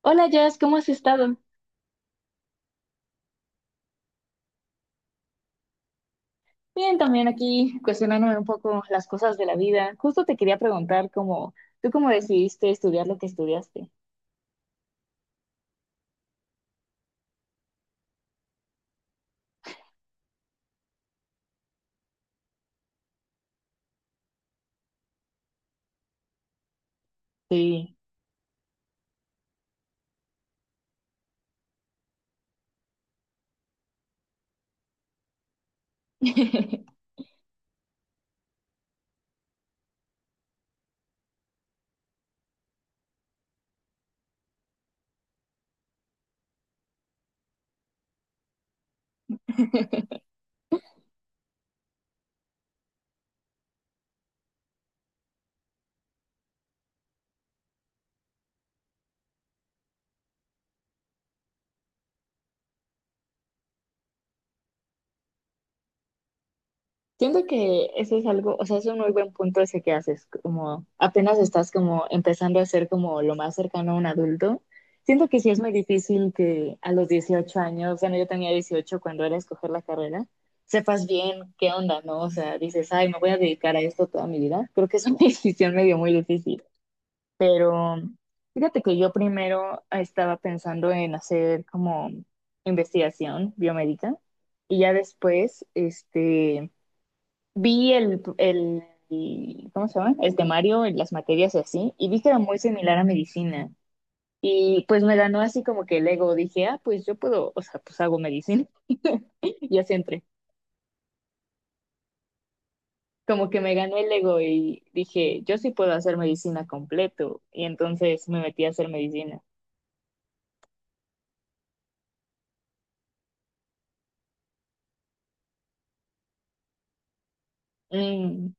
Hola Jess, ¿cómo has estado? Bien, también aquí cuestionándome un poco las cosas de la vida. Justo te quería preguntar ¿tú cómo decidiste estudiar lo que estudiaste? Sí. Siento que eso es algo, o sea, es un muy buen punto ese que haces, como apenas estás como empezando a ser como lo más cercano a un adulto. Siento que sí es muy difícil que a los 18 años, bueno, yo tenía 18 cuando era escoger la carrera, sepas bien qué onda, ¿no? O sea, dices, ay, me voy a dedicar a esto toda mi vida. Creo que es una decisión medio muy difícil, pero fíjate que yo primero estaba pensando en hacer como investigación biomédica y ya después, vi el ¿cómo se llama? El temario, y las materias y así, y vi que era muy similar a medicina. Y pues me ganó así como que el ego. Dije, ah, pues yo puedo, o sea, pues hago medicina. Y así entré. Como que me ganó el ego y dije, yo sí puedo hacer medicina completo. Y entonces me metí a hacer medicina. Mm.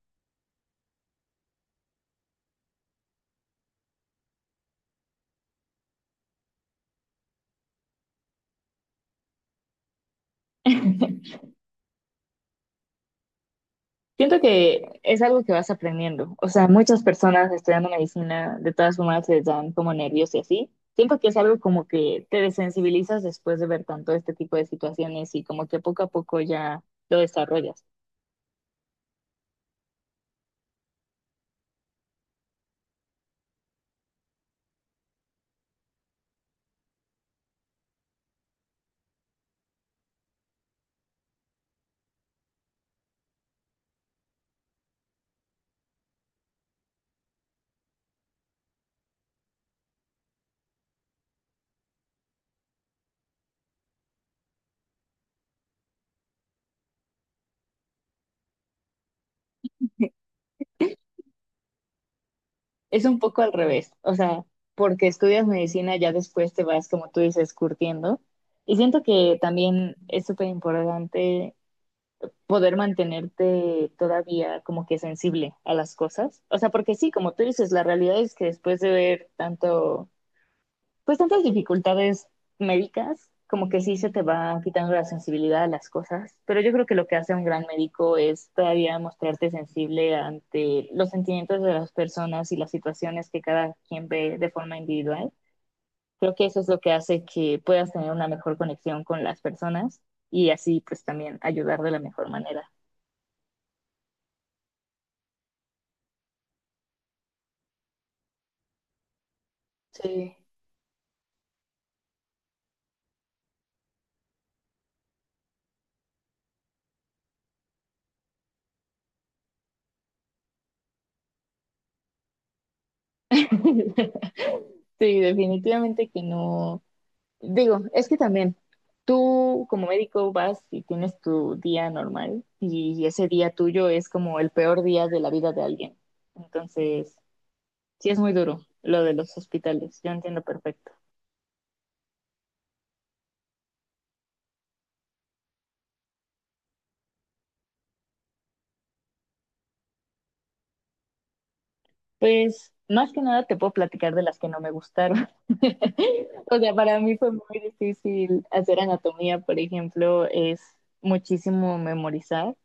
Siento que es algo que vas aprendiendo. O sea, muchas personas estudiando medicina de todas formas se dan como nervios y así. Siento que es algo como que te desensibilizas después de ver tanto este tipo de situaciones y como que poco a poco ya lo desarrollas. Es un poco al revés. O sea, porque estudias medicina ya después te vas, como tú dices, curtiendo. Y siento que también es súper importante poder mantenerte todavía como que sensible a las cosas. O sea, porque sí, como tú dices, la realidad es que después de ver tanto, pues tantas dificultades médicas, como que sí se te va quitando la sensibilidad a las cosas, pero yo creo que lo que hace un gran médico es todavía mostrarte sensible ante los sentimientos de las personas y las situaciones que cada quien ve de forma individual. Creo que eso es lo que hace que puedas tener una mejor conexión con las personas y así pues también ayudar de la mejor manera. Sí, sí, definitivamente que no. Digo, es que también tú como médico vas y tienes tu día normal y ese día tuyo es como el peor día de la vida de alguien. Entonces, sí es muy duro lo de los hospitales, yo entiendo perfecto. Pues más que nada te puedo platicar de las que no me gustaron. O sea, para mí fue muy difícil hacer anatomía, por ejemplo, es muchísimo memorizar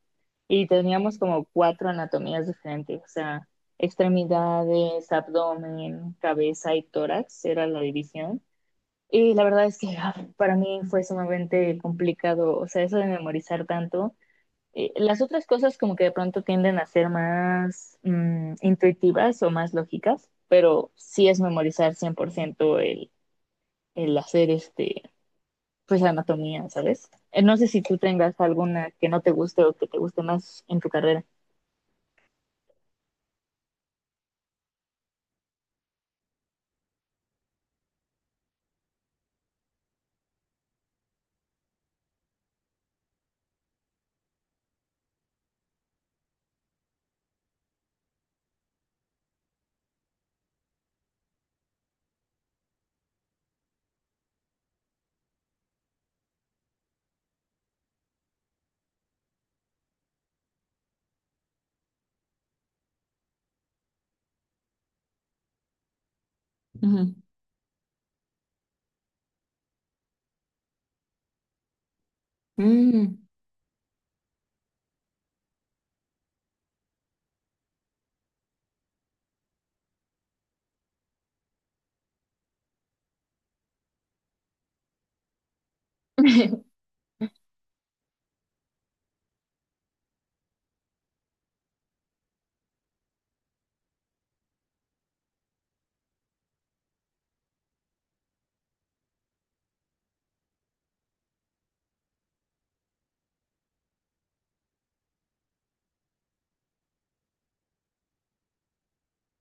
y teníamos como cuatro anatomías diferentes, o sea, extremidades, abdomen, cabeza y tórax era la división. Y la verdad es que ah, para mí fue sumamente complicado, o sea, eso de memorizar tanto. Las otras cosas como que de pronto tienden a ser más intuitivas o más lógicas, pero sí es memorizar 100% el hacer pues anatomía, ¿sabes? No sé si tú tengas alguna que no te guste o que te guste más en tu carrera.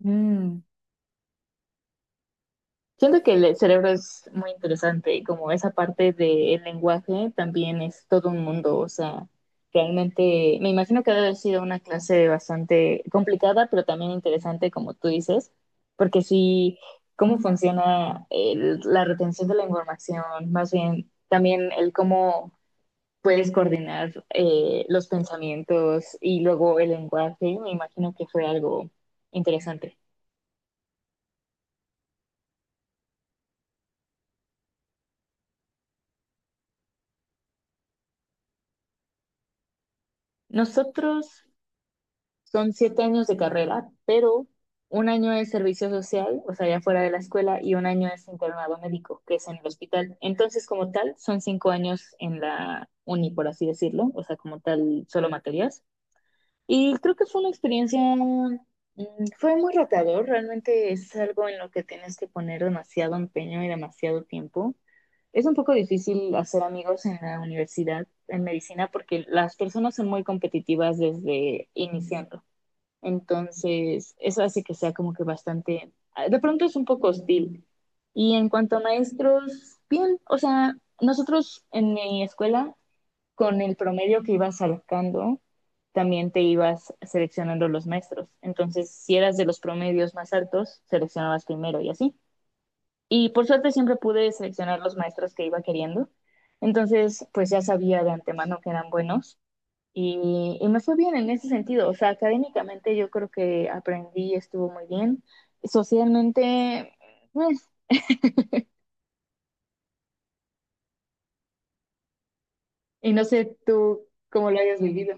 Mm. Siento que el cerebro es muy interesante y como esa parte del lenguaje también es todo un mundo, o sea, realmente me imagino que debe haber sido una clase bastante complicada, pero también interesante, como tú dices, porque sí, cómo funciona el- la retención de la información, más bien también el cómo puedes coordinar los pensamientos y luego el lenguaje, me imagino que fue algo interesante. Nosotros Son 7 años de carrera, pero un año es servicio social, o sea, ya fuera de la escuela, y un año es internado médico, que es en el hospital. Entonces, como tal, son 5 años en la uni, por así decirlo, o sea, como tal, solo materias. Y creo que fue una experiencia, fue muy retador, realmente es algo en lo que tienes que poner demasiado empeño y demasiado tiempo. Es un poco difícil hacer amigos en la universidad, en medicina, porque las personas son muy competitivas desde iniciando. Entonces, eso hace que sea como que bastante, de pronto es un poco hostil. Y en cuanto a maestros, bien, o sea, nosotros en mi escuela, con el promedio que ibas sacando, también te ibas seleccionando los maestros. Entonces, si eras de los promedios más altos, seleccionabas primero y así. Y por suerte siempre pude seleccionar los maestros que iba queriendo. Entonces, pues ya sabía de antemano que eran buenos y me fue bien en ese sentido. O sea, académicamente yo creo que aprendí, estuvo muy bien. Socialmente, pues, y no sé tú cómo lo hayas vivido.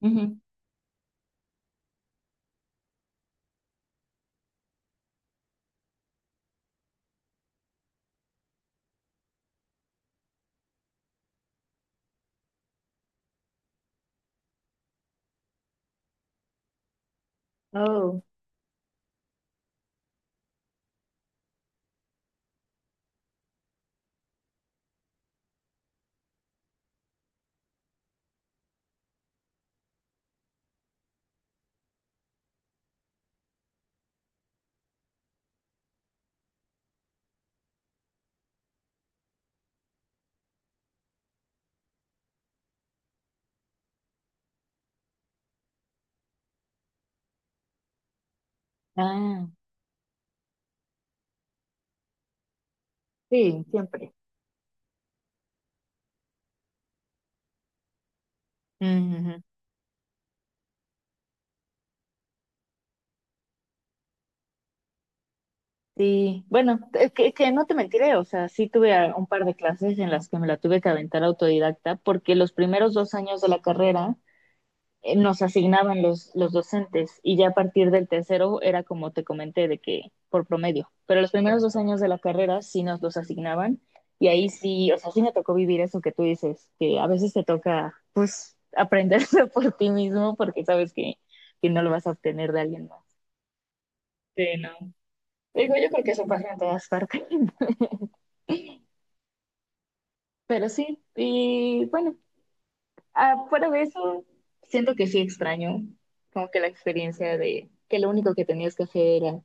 Ujú. Oh, ah, sí, siempre. Ujú. Sí, bueno, es que no te mentiré, o sea, sí tuve un par de clases en las que me la tuve que aventar autodidacta, porque los primeros 2 años de la carrera nos asignaban los docentes y ya a partir del tercero era como te comenté de que por promedio, pero los primeros 2 años de la carrera sí nos los asignaban y ahí sí, o sea, sí me tocó vivir eso que tú dices, que a veces te toca pues aprenderlo por ti mismo porque sabes que, no lo vas a obtener de alguien más. Sí, no. Digo, yo creo que eso pasa en todas partes, pero sí, y bueno, fuera de eso, siento que sí extraño como que la experiencia de que lo único que tenías que hacer era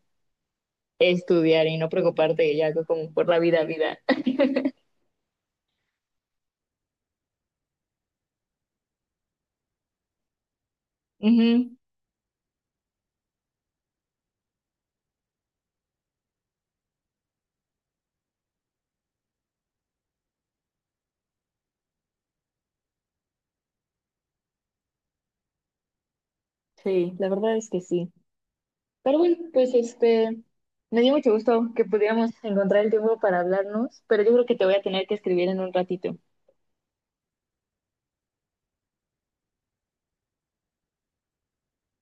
estudiar y no preocuparte ya como por la vida, vida. Ujú, sí, la verdad es que sí. Pero bueno, pues me dio mucho gusto que pudiéramos encontrar el tiempo para hablarnos, pero yo creo que te voy a tener que escribir en un ratito.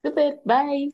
Super, bye.